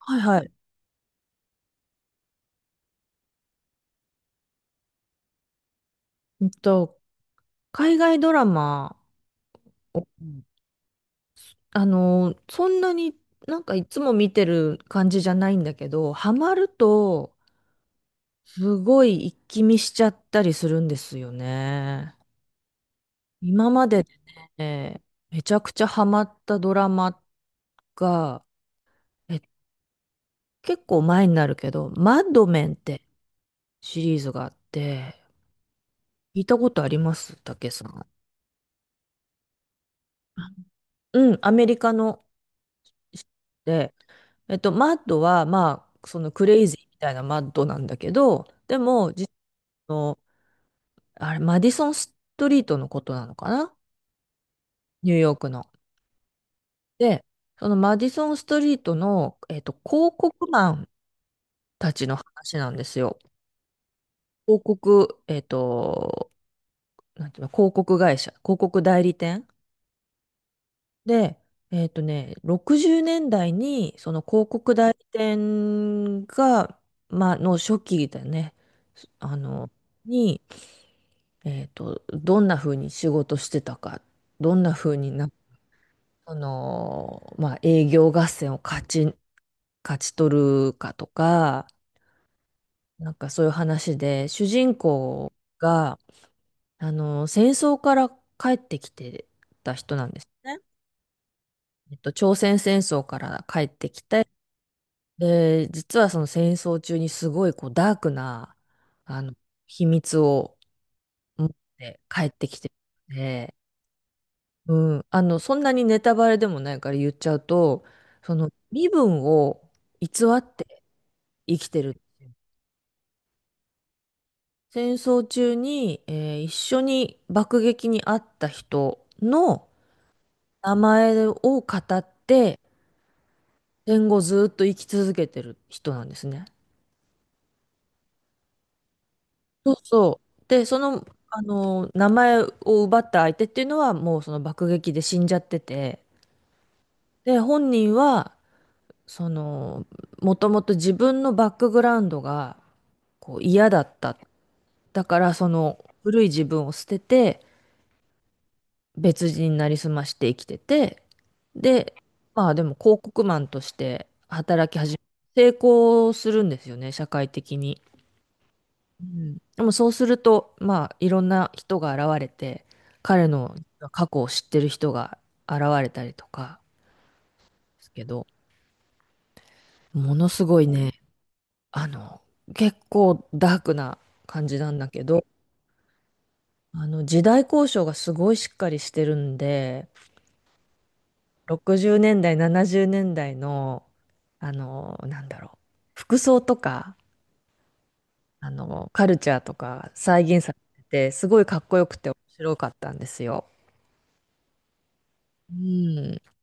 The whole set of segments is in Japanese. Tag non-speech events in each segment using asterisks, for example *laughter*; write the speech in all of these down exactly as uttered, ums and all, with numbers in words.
はいはい。うんと、海外ドラマを、あの、そんなになんかいつも見てる感じじゃないんだけど、ハマると、すごい一気見しちゃったりするんですよね。今まででね、めちゃくちゃハマったドラマが、え、結構前になるけど、マッドメンってシリーズがあって、聞いたことありますたけさん。うん、アメリカので、えっと、マッドは、まあ、そのクレイジーみたいなマッドなんだけど、でも、実の、あれ、マディソンストリートのことなのかなニューヨークの。で、そのマディソンストリートの、えっと、広告マンたちの話なんですよ。広告、えっと、なんていうの、広告会社、広告代理店。で、えっとね、ろくじゅうねんだいに、その広告代理店が、まあ、の初期だね。あの、に、えっと、どんな風に仕事してたか、どんな風にな、あのーまあ、営業合戦を勝ち、勝ち取るかとか、なんかそういう話で、主人公が、あのー戦争から帰ってきてた人なんですね。えっと、朝鮮戦争から帰ってきて、で、実はその戦争中にすごいこうダークな、あの、秘密を持って帰ってきてるので、うん、あの、そんなにネタバレでもないから言っちゃうと、その身分を偽って生きてる。戦争中に、えー一緒に爆撃に遭った人の名前を語って、戦後ずっと生き続けてる人なんですね。そうそう。で、その、あの、名前を奪った相手っていうのはもうその爆撃で死んじゃってて、で、本人は、その、もともと自分のバックグラウンドがこう嫌だった。だからその古い自分を捨てて別人になりすまして生きてて、で、まあでも広告マンとして働き始め、成功するんですよね、社会的に。うん。でもそうすると、まあいろんな人が現れて、彼の過去を知ってる人が現れたりとかですけど、ものすごいね、あの、結構ダークな感じなんだけど、あの時代交渉がすごいしっかりしてるんで、ろくじゅうねんだい、ななじゅうねんだいの、あの、なんだろう、服装とか、あの、カルチャーとか再現されてて、すごいかっこよくて面白かったんですよ。うん。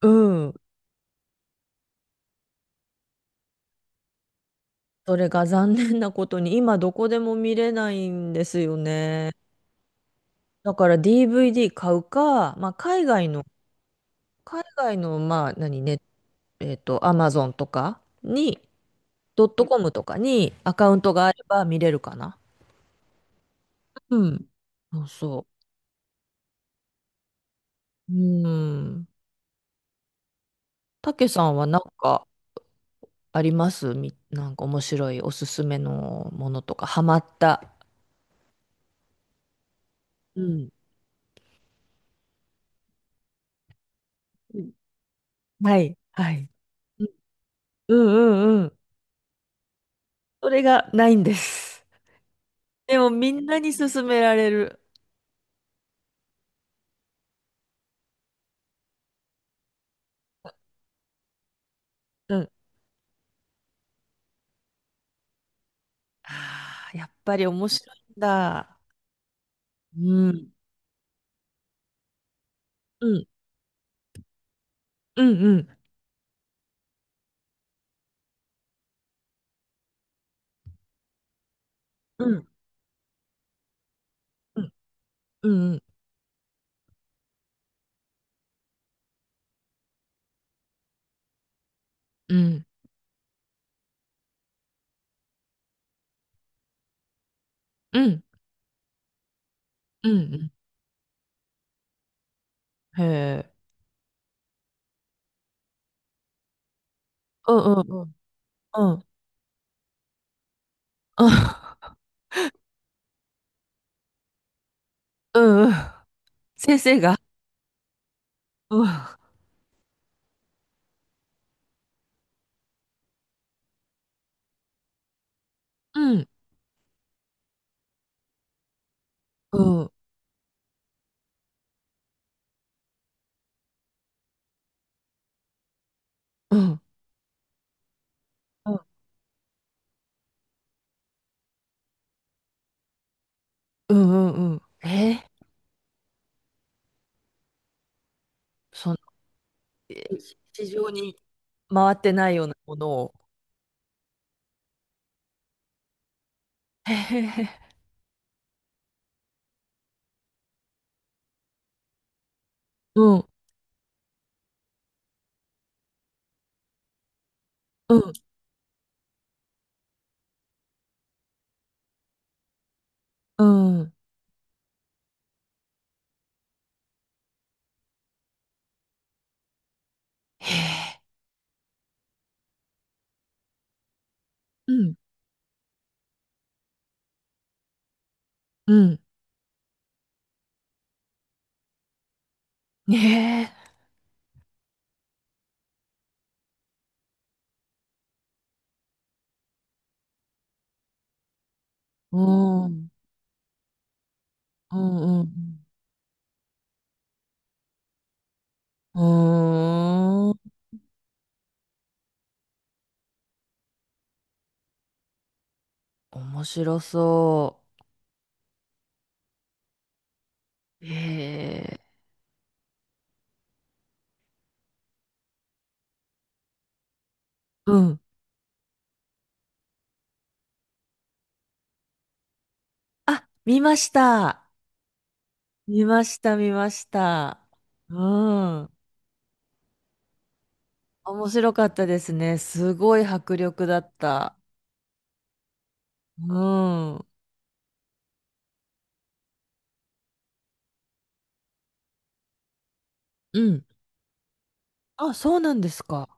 うん。それが残念なことに今どこでも見れないんですよね。だから ディーブイディー 買うか、まあ、海外の海外の、まあ、何ね、えっと、アマゾンとかに、ドットコムとかにアカウントがあれば見れるかな。うん。そうそう。うん。たけさんはなんかありますみ、なんか面白いおすすめのものとか、ハマった。うん。うんはい、はい。うんうんうん。それがないんです。でもみんなに勧められる。うん。ああ、やっぱり面白いんだ。うん。うん。うんうん。うん。うん。うん。うん。うん。うんうんへえ。うんうんうん。うん。うんうん。先生が。うん。うん。うん。うん。うん。うん。えー、そん、市場に回ってないようなものを。へへへ。うん。うん。うん。へえ。うん。うん。ねえ。うん。うん。うん。うん。面白そう。へえ。うんあ、見ました。見ました、見ました。うん。面白かったですね。すごい迫力だった。うん。うん。あ、そうなんですか。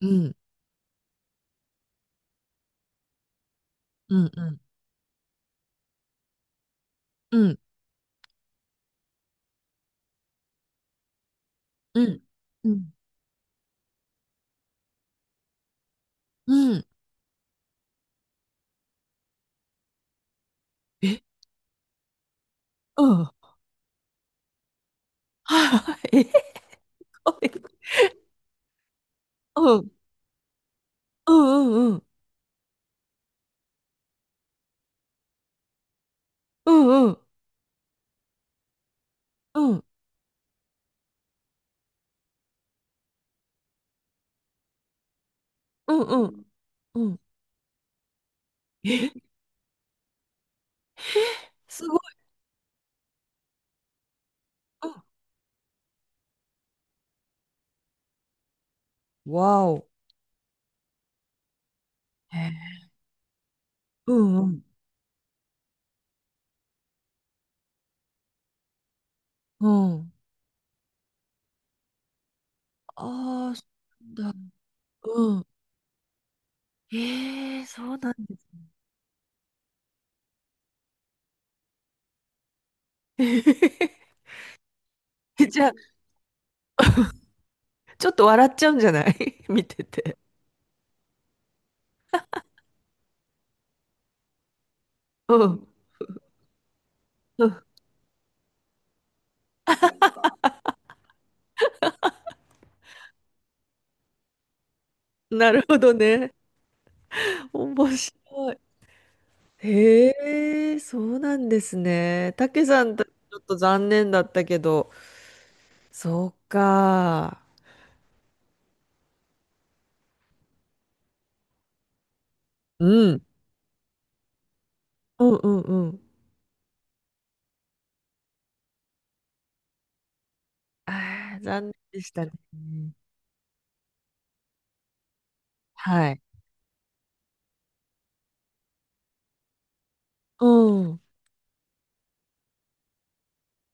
うん。うん、うん。うん、うん。うん。うん。え、うん。*laughs* はい。え、うん。うん、うん、うん。うん、うん。うん、うん、うん。うんえ、すごい。うん。わお。へえうん、うん。うん。ああ、そうなんだ。ええそうなんですね。*laughs* えじゃあ、ちょっと笑っちゃうんじゃない *laughs* 見てて。うん。うんなるほどね。面白い。へえ、そうなんですね。たけさんたちちょっと残念だったけど、そうか。うん。うんうんうん。ああ、残念でしたね。はい。うん。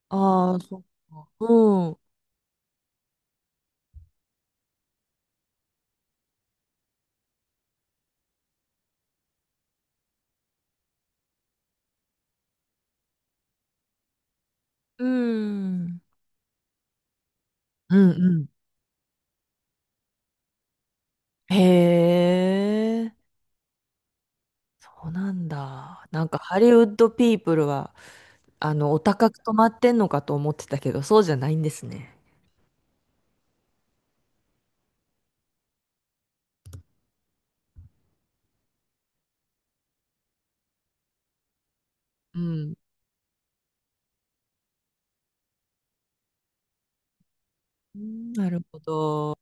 ああ、そっか。うん。うん。うんうん。へえ。そうなんだ。なんかハリウッドピープルは、あの、お高く泊まってんのかと思ってたけど、そうじゃないんですね。うん。うんなるほど。